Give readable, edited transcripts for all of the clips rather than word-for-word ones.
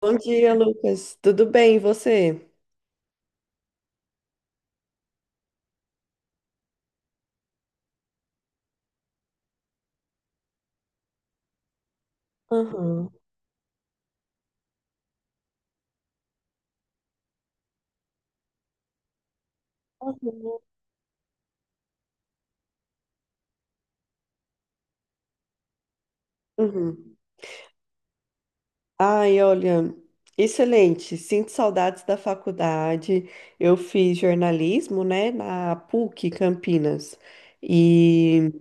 Bom dia, Lucas. Tudo bem, e você? Aham. Uhum. Uhum. Ai, olha, excelente. Sinto saudades da faculdade. Eu fiz jornalismo, né, na PUC Campinas. E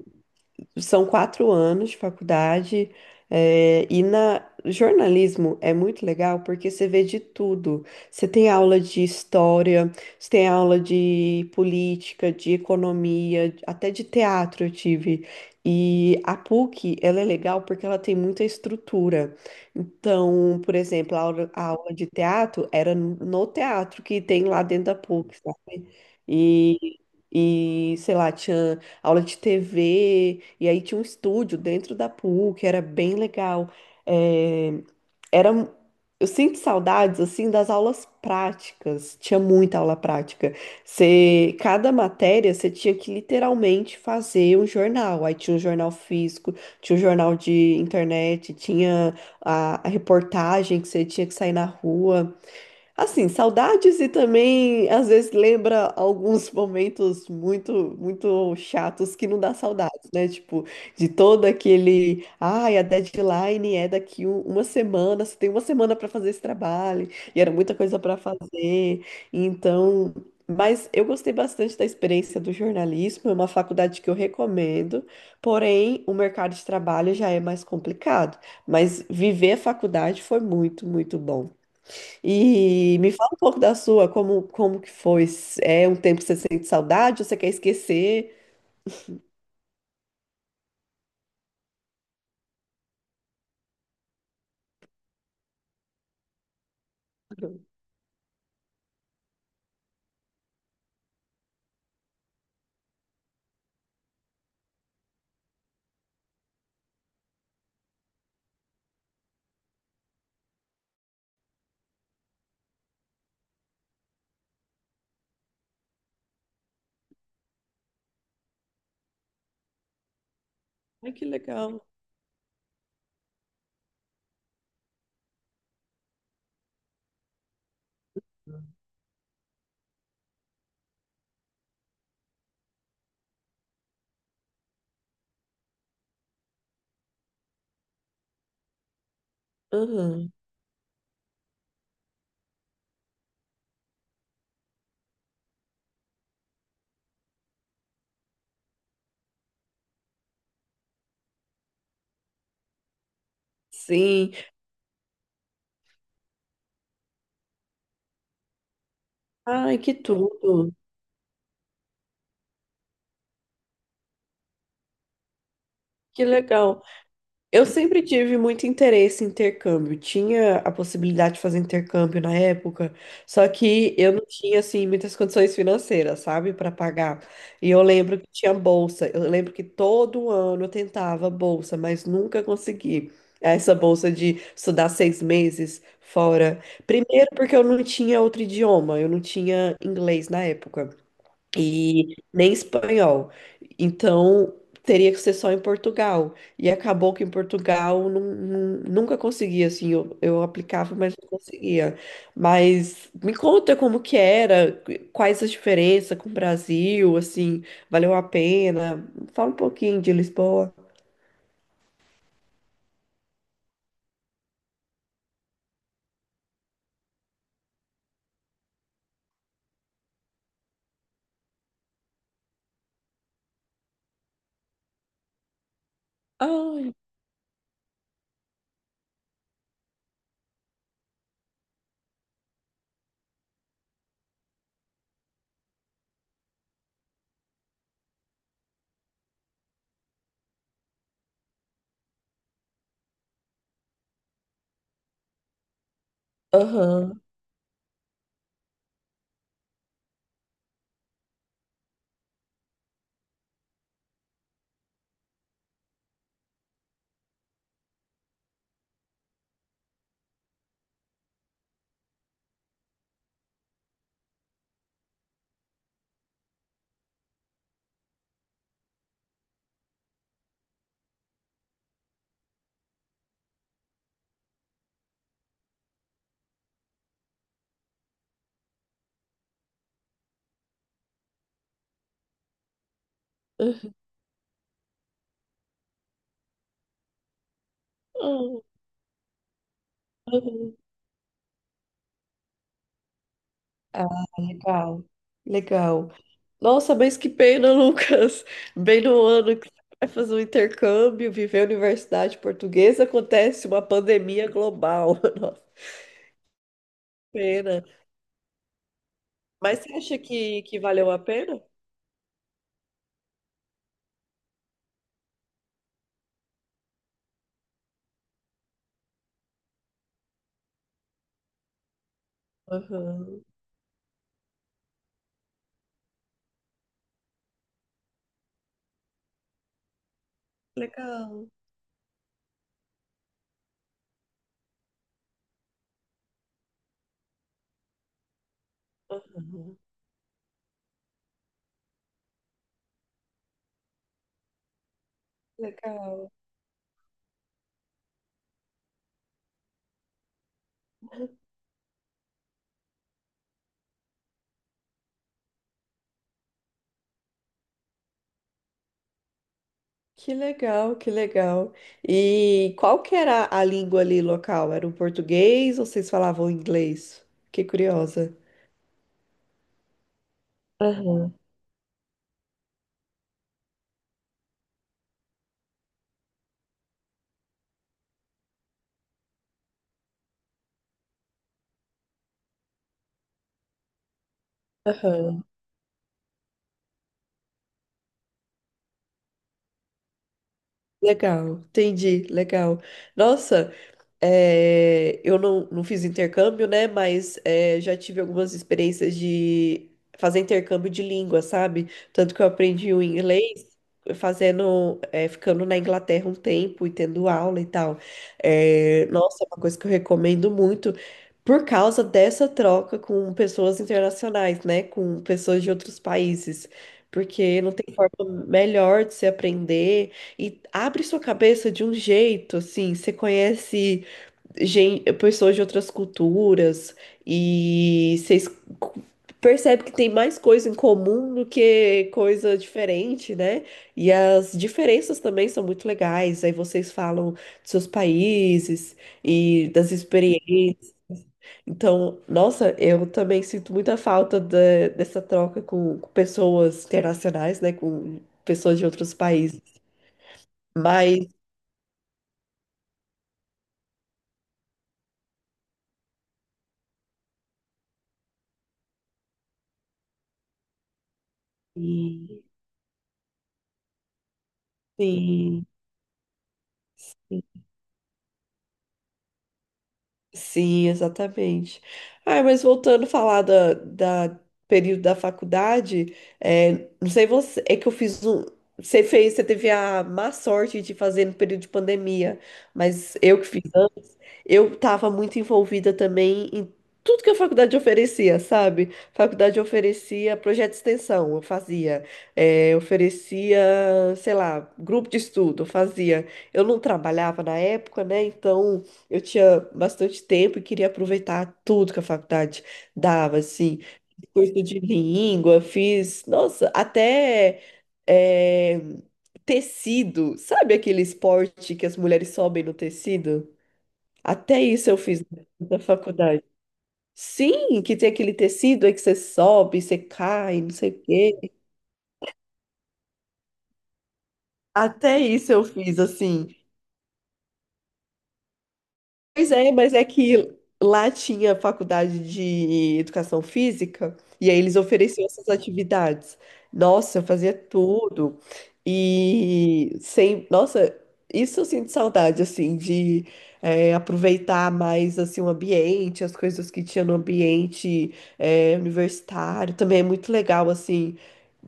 São 4 anos de faculdade, e na jornalismo é muito legal porque você vê de tudo. Você tem aula de história, você tem aula de política, de economia, até de teatro eu tive. E a PUC, ela é legal porque ela tem muita estrutura. Então, por exemplo, a aula de teatro era no teatro que tem lá dentro da PUC, sabe? E, e sei lá, tinha aula de TV, e aí tinha um estúdio dentro da PUC, era bem legal. É, era, eu sinto saudades, assim, das aulas práticas, tinha muita aula prática. Você, cada matéria, você tinha que literalmente fazer um jornal, aí tinha um jornal físico, tinha um jornal de internet, tinha a reportagem que você tinha que sair na rua. Assim, saudades, e também às vezes lembra alguns momentos muito, muito chatos que não dá saudades, né? Tipo, de todo aquele, ai, a deadline é daqui uma semana, você tem uma semana para fazer esse trabalho, e era muita coisa para fazer. Então, mas eu gostei bastante da experiência do jornalismo, é uma faculdade que eu recomendo, porém, o mercado de trabalho já é mais complicado, mas viver a faculdade foi muito, muito bom. E me fala um pouco da sua. Como que foi? É um tempo que você sente saudade ou você quer esquecer? Ai, que legal. Aham. Sim. Ai, que tudo. Que legal. Eu sempre tive muito interesse em intercâmbio. Tinha a possibilidade de fazer intercâmbio na época, só que eu não tinha assim muitas condições financeiras, sabe, para pagar. E eu lembro que tinha bolsa. Eu lembro que todo ano eu tentava bolsa, mas nunca consegui. Essa bolsa de estudar 6 meses fora. Primeiro, porque eu não tinha outro idioma, eu não tinha inglês na época e nem espanhol. Então, teria que ser só em Portugal. E acabou que em Portugal nunca conseguia, assim, eu aplicava, mas não conseguia. Mas me conta como que era, quais as diferenças com o Brasil, assim, valeu a pena? Fala um pouquinho de Lisboa. Ai, aham. Ah, legal, legal. Nossa, mas que pena, Lucas. Bem no ano que você vai fazer um intercâmbio, viver a universidade portuguesa, acontece uma pandemia global. Nossa, pena. Mas você acha que, valeu a pena? Aham, legal. Aham, legal. Que legal, que legal. E qual que era a língua ali local? Era o português ou vocês falavam inglês? Fiquei curiosa. Aham, aham. Legal, entendi, legal. Nossa, eu não fiz intercâmbio, né? Mas já tive algumas experiências de fazer intercâmbio de língua, sabe? Tanto que eu aprendi o inglês fazendo, ficando na Inglaterra um tempo e tendo aula e tal. Nossa, é uma coisa que eu recomendo muito por causa dessa troca com pessoas internacionais, né? Com pessoas de outros países. Porque não tem forma melhor de se aprender, e abre sua cabeça de um jeito, assim, você conhece pessoas de outras culturas e vocês percebem que tem mais coisa em comum do que coisa diferente, né? E as diferenças também são muito legais. Aí vocês falam dos seus países e das experiências. Então, nossa, eu também sinto muita falta dessa troca com pessoas internacionais, né? Com pessoas de outros países. Mas, sim, sim. Sim, exatamente. Ah, mas voltando a falar da, da período da faculdade, não sei você, é que eu fiz um. Você fez, você teve a má sorte de fazer no período de pandemia, mas eu que fiz, eu estava muito envolvida também em tudo que a faculdade oferecia, sabe? A faculdade oferecia projeto de extensão, eu fazia. Oferecia, sei lá, grupo de estudo, eu fazia. Eu não trabalhava na época, né? Então eu tinha bastante tempo e queria aproveitar tudo que a faculdade dava, assim. Curso de língua, fiz, nossa, até. eh, Tecido, sabe aquele esporte que as mulheres sobem no tecido? Até isso eu fiz da faculdade. Sim, que tem aquele tecido aí que você sobe, você cai, não sei o quê. Até isso eu fiz, assim. Pois é, mas é que lá tinha faculdade de educação física e aí eles ofereciam essas atividades. Nossa, eu fazia tudo. E sem, nossa, isso eu sinto saudade, assim, de aproveitar mais assim o ambiente, as coisas que tinha no ambiente universitário. Também é muito legal assim,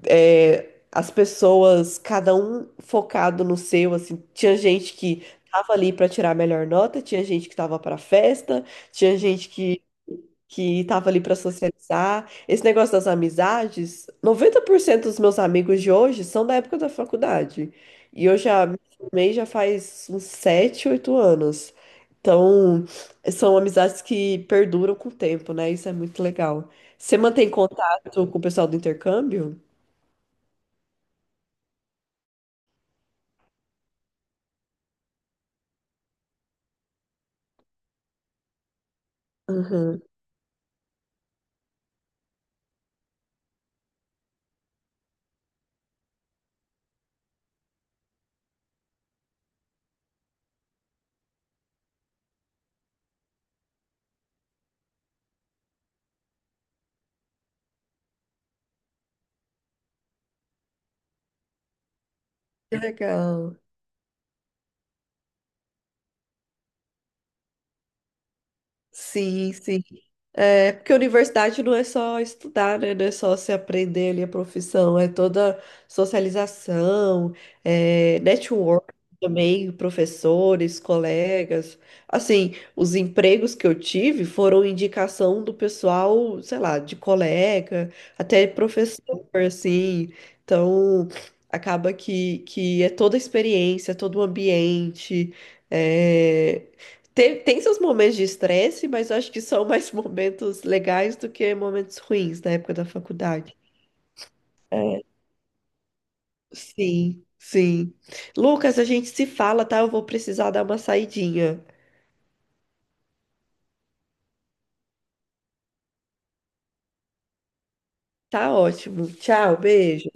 as pessoas, cada um focado no seu, assim, tinha gente que tava ali para tirar a melhor nota, tinha gente que tava para festa, tinha gente que tava ali para socializar. Esse negócio das amizades, 90% dos meus amigos de hoje são da época da faculdade. E eu já me formei já faz uns 7 8 anos. Então, são amizades que perduram com o tempo, né? Isso é muito legal. Você mantém contato com o pessoal do intercâmbio? Que legal. Sim, sim. Porque a universidade não é só estudar, né? Não é só se aprender ali a profissão, é toda socialização, network também, professores, colegas. Assim, os empregos que eu tive foram indicação do pessoal, sei lá, de colega, até professor, assim. Então, acaba que, é toda a experiência, todo o ambiente. É, tem seus momentos de estresse, mas eu acho que são mais momentos legais do que momentos ruins na época da faculdade. Sim, sim. Lucas, a gente se fala, tá? Eu vou precisar dar uma saidinha. Tá ótimo. Tchau, beijo.